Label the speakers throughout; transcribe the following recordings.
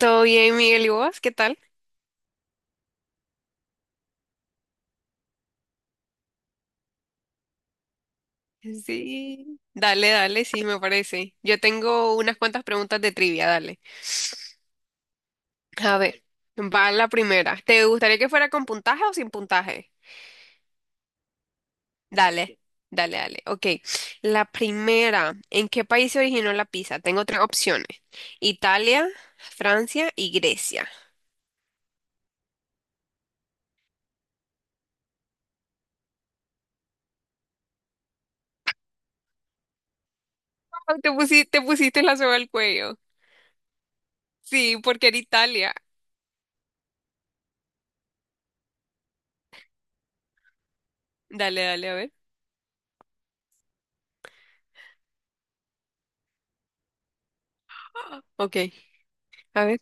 Speaker 1: ¿Todo bien, Miguel? ¿Y vos? ¿Qué tal? Sí, dale, dale, sí, me parece. Yo tengo unas cuantas preguntas de trivia, dale. A ver, va la primera. ¿Te gustaría que fuera con puntaje o sin puntaje? Dale, dale, dale. Ok, la primera. ¿En qué país se originó la pizza? Tengo tres opciones. Italia, Francia y Grecia. Ay, te pusiste, te pusiste la soga al cuello. Sí, porque era Italia. Dale, dale, a ver. Ok, a ver.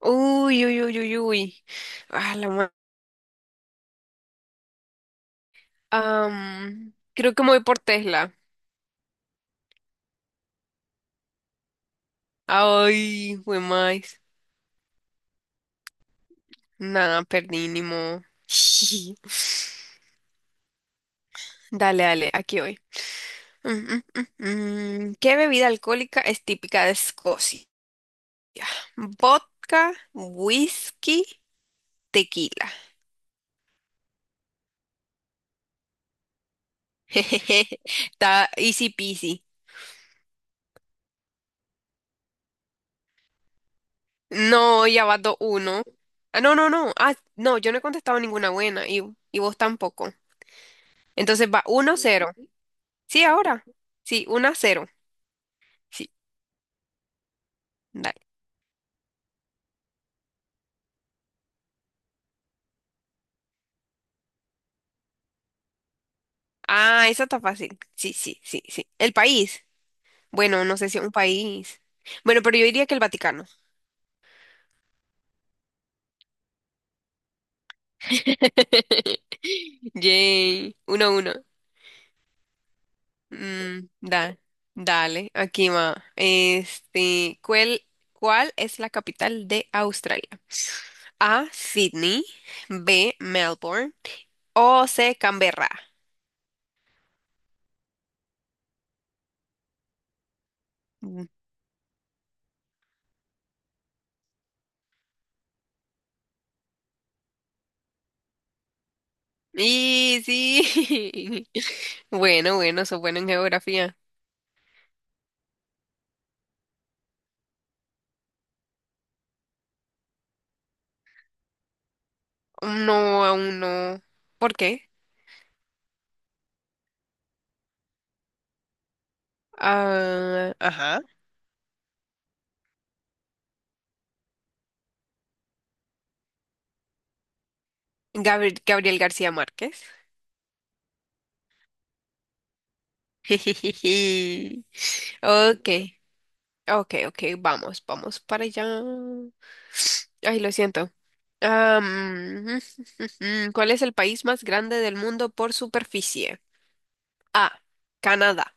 Speaker 1: Uy, uy, uy, uy, uy. Ah, la ma- creo que me voy por Tesla. Ay, fue más. Nada, perdí, ni modo. Dale, dale, aquí voy. Mm, mm, mm, mm. ¿Qué bebida alcohólica es típica de Escocia? Vodka, whisky, tequila. Jejeje, está easy peasy. No, ya va 2-1. Ah, no, no, no. Ah, no, yo no he contestado ninguna buena y vos tampoco. Entonces va uno cero. Sí, ahora. Sí, 1 a 0. Sí, dale. Ah, esa está fácil. Sí, sí, sí, sí. El país. Bueno, no sé si un país. Bueno, pero yo diría que el Vaticano. Yay. Uno a 1. Mm, da- dale, aquí va. Este, ¿cuál es la capital de Australia? A, Sydney. B, Melbourne. O C, Canberra. Y sí. Bueno, bueno, sos bueno en geografía. No, aún no. ¿Por qué? Ah, ajá. Gabriel García Márquez. Jijiji. Ok, ok, ok, vamos, vamos para allá. Ay, lo siento. Am, ¿cuál es el país más grande del mundo por superficie? A, Canadá.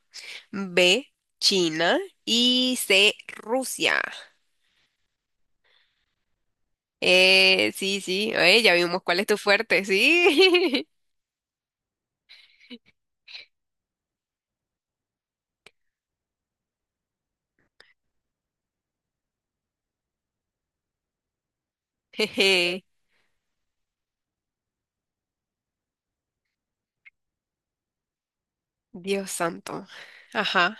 Speaker 1: B, China. Y C, Rusia. Sí, sí, oye, ya vimos cuál es tu fuerte, sí. Jeje, Dios santo. Ajá.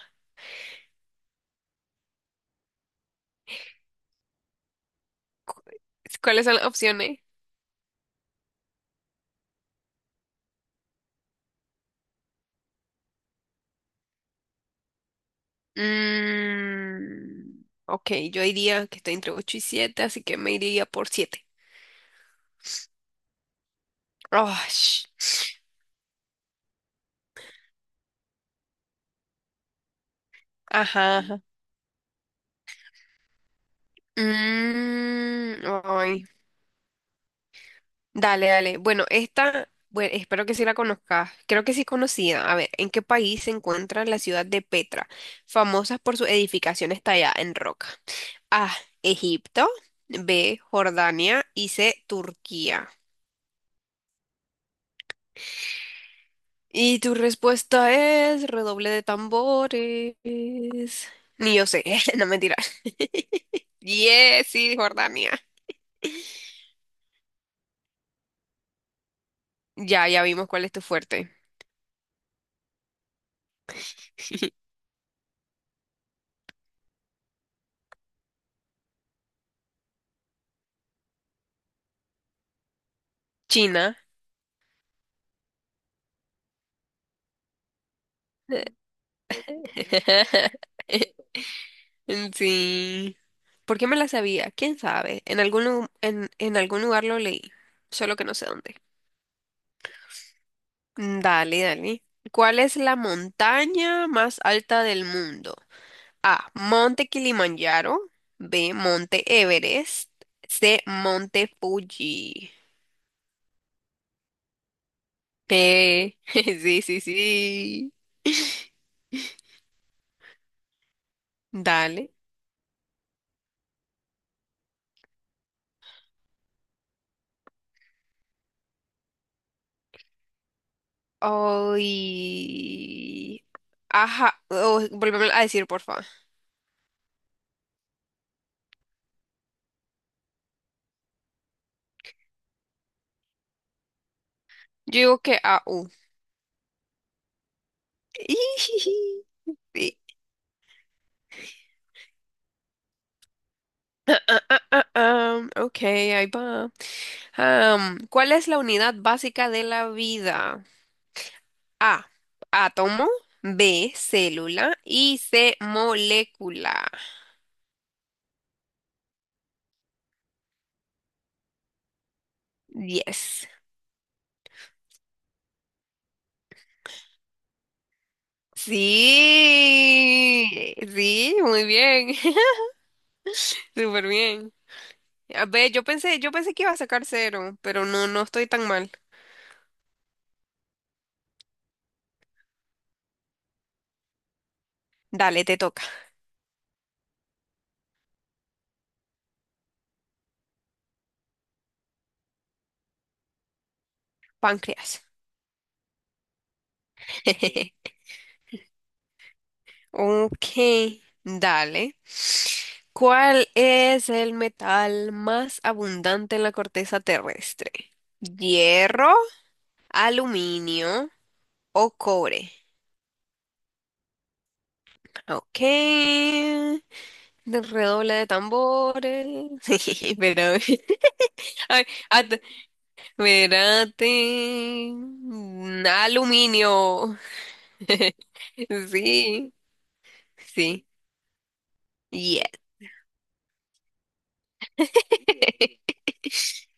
Speaker 1: Cu- ¿Cuáles son las opciones? Mm, ok, yo diría que estoy entre 8 y siete, así que me iría por siete. Oh, sh- ajá. Ajá. Mm, ay, Dale, dale. Bueno, esta, bueno, espero que sí la conozcas. Creo que sí es conocida. A ver, ¿en qué país se encuentra la ciudad de Petra, famosa por sus edificaciones talladas en roca? A, Egipto, B, Jordania y C, Turquía. Y tu respuesta es redoble de tambores. Ni yo sé, no mentira. Yes, sí, Jordania. Ya, ya vimos cuál es tu fuerte. China. Mm, sí. ¿Por qué me la sabía? ¿Quién sabe? En algún lugar lo leí, solo que no sé dónde. Dale, dale. ¿Cuál es la montaña más alta del mundo? A. Monte Kilimanjaro. B. Monte Everest. C. Monte Fuji. Sí, sí, sí. Dale. Ay. Ajá. Oh, volveme a decir, por favor. Yo digo que A. U. Ah, ah, ah, ok, ahí va. ¿Cuál es la unidad básica de la vida? A, átomo, B, célula y C, molécula. Yes. Sí, sí, muy bien. Súper bien. A ver, yo pensé que iba a sacar cero, pero no, no estoy tan mal. Dale, te toca. Páncreas. Ok, dale. ¿Cuál es el metal más abundante en la corteza terrestre? ¿Hierro, aluminio o cobre? Ok. Redoble de tambores. Pero, ay, at- espérate. Mm, aluminio. Sí, sí. Yes.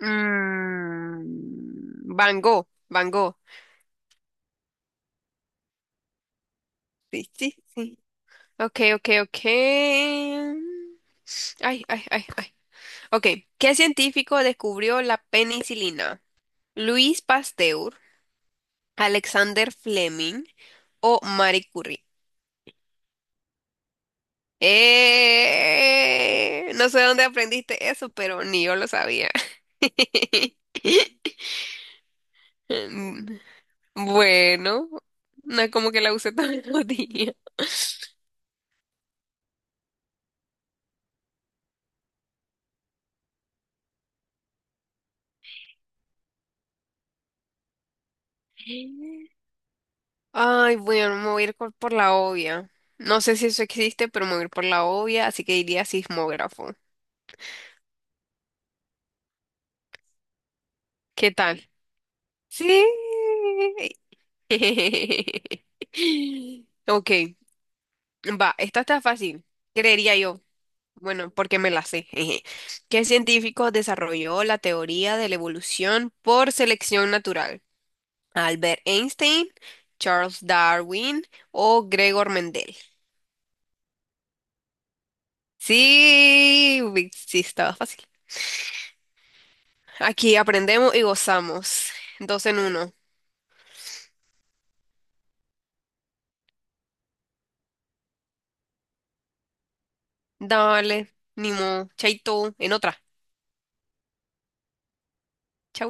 Speaker 1: Mm, Van Gogh, Van Gogh. Sí, sí, sí. Ok, ok, ok. Ay, ay, ay, ay. Ok, ¿qué científico descubrió la penicilina? ¿Luis Pasteur, Alexander Fleming o Marie Curie? No sé dónde aprendiste eso, pero ni yo lo sabía. Mm, Bueno, no es como que la usé todos los días. Ay, bueno, me voy a ir por la obvia. No sé si eso existe, pero me voy a ir por la obvia, así que diría sismógrafo. ¿Qué tal? Sí. Ok, va, esta está fácil, creería yo. Bueno, porque me la sé. Jeje. ¿Qué científico desarrolló la teoría de la evolución por selección natural? ¿Albert Einstein, Charles Darwin o Gregor Mendel? Sí, uy, sí, estaba fácil. Aquí aprendemos y gozamos. Dos en uno. Dale, ni modo. Chaito, en otra. Chao.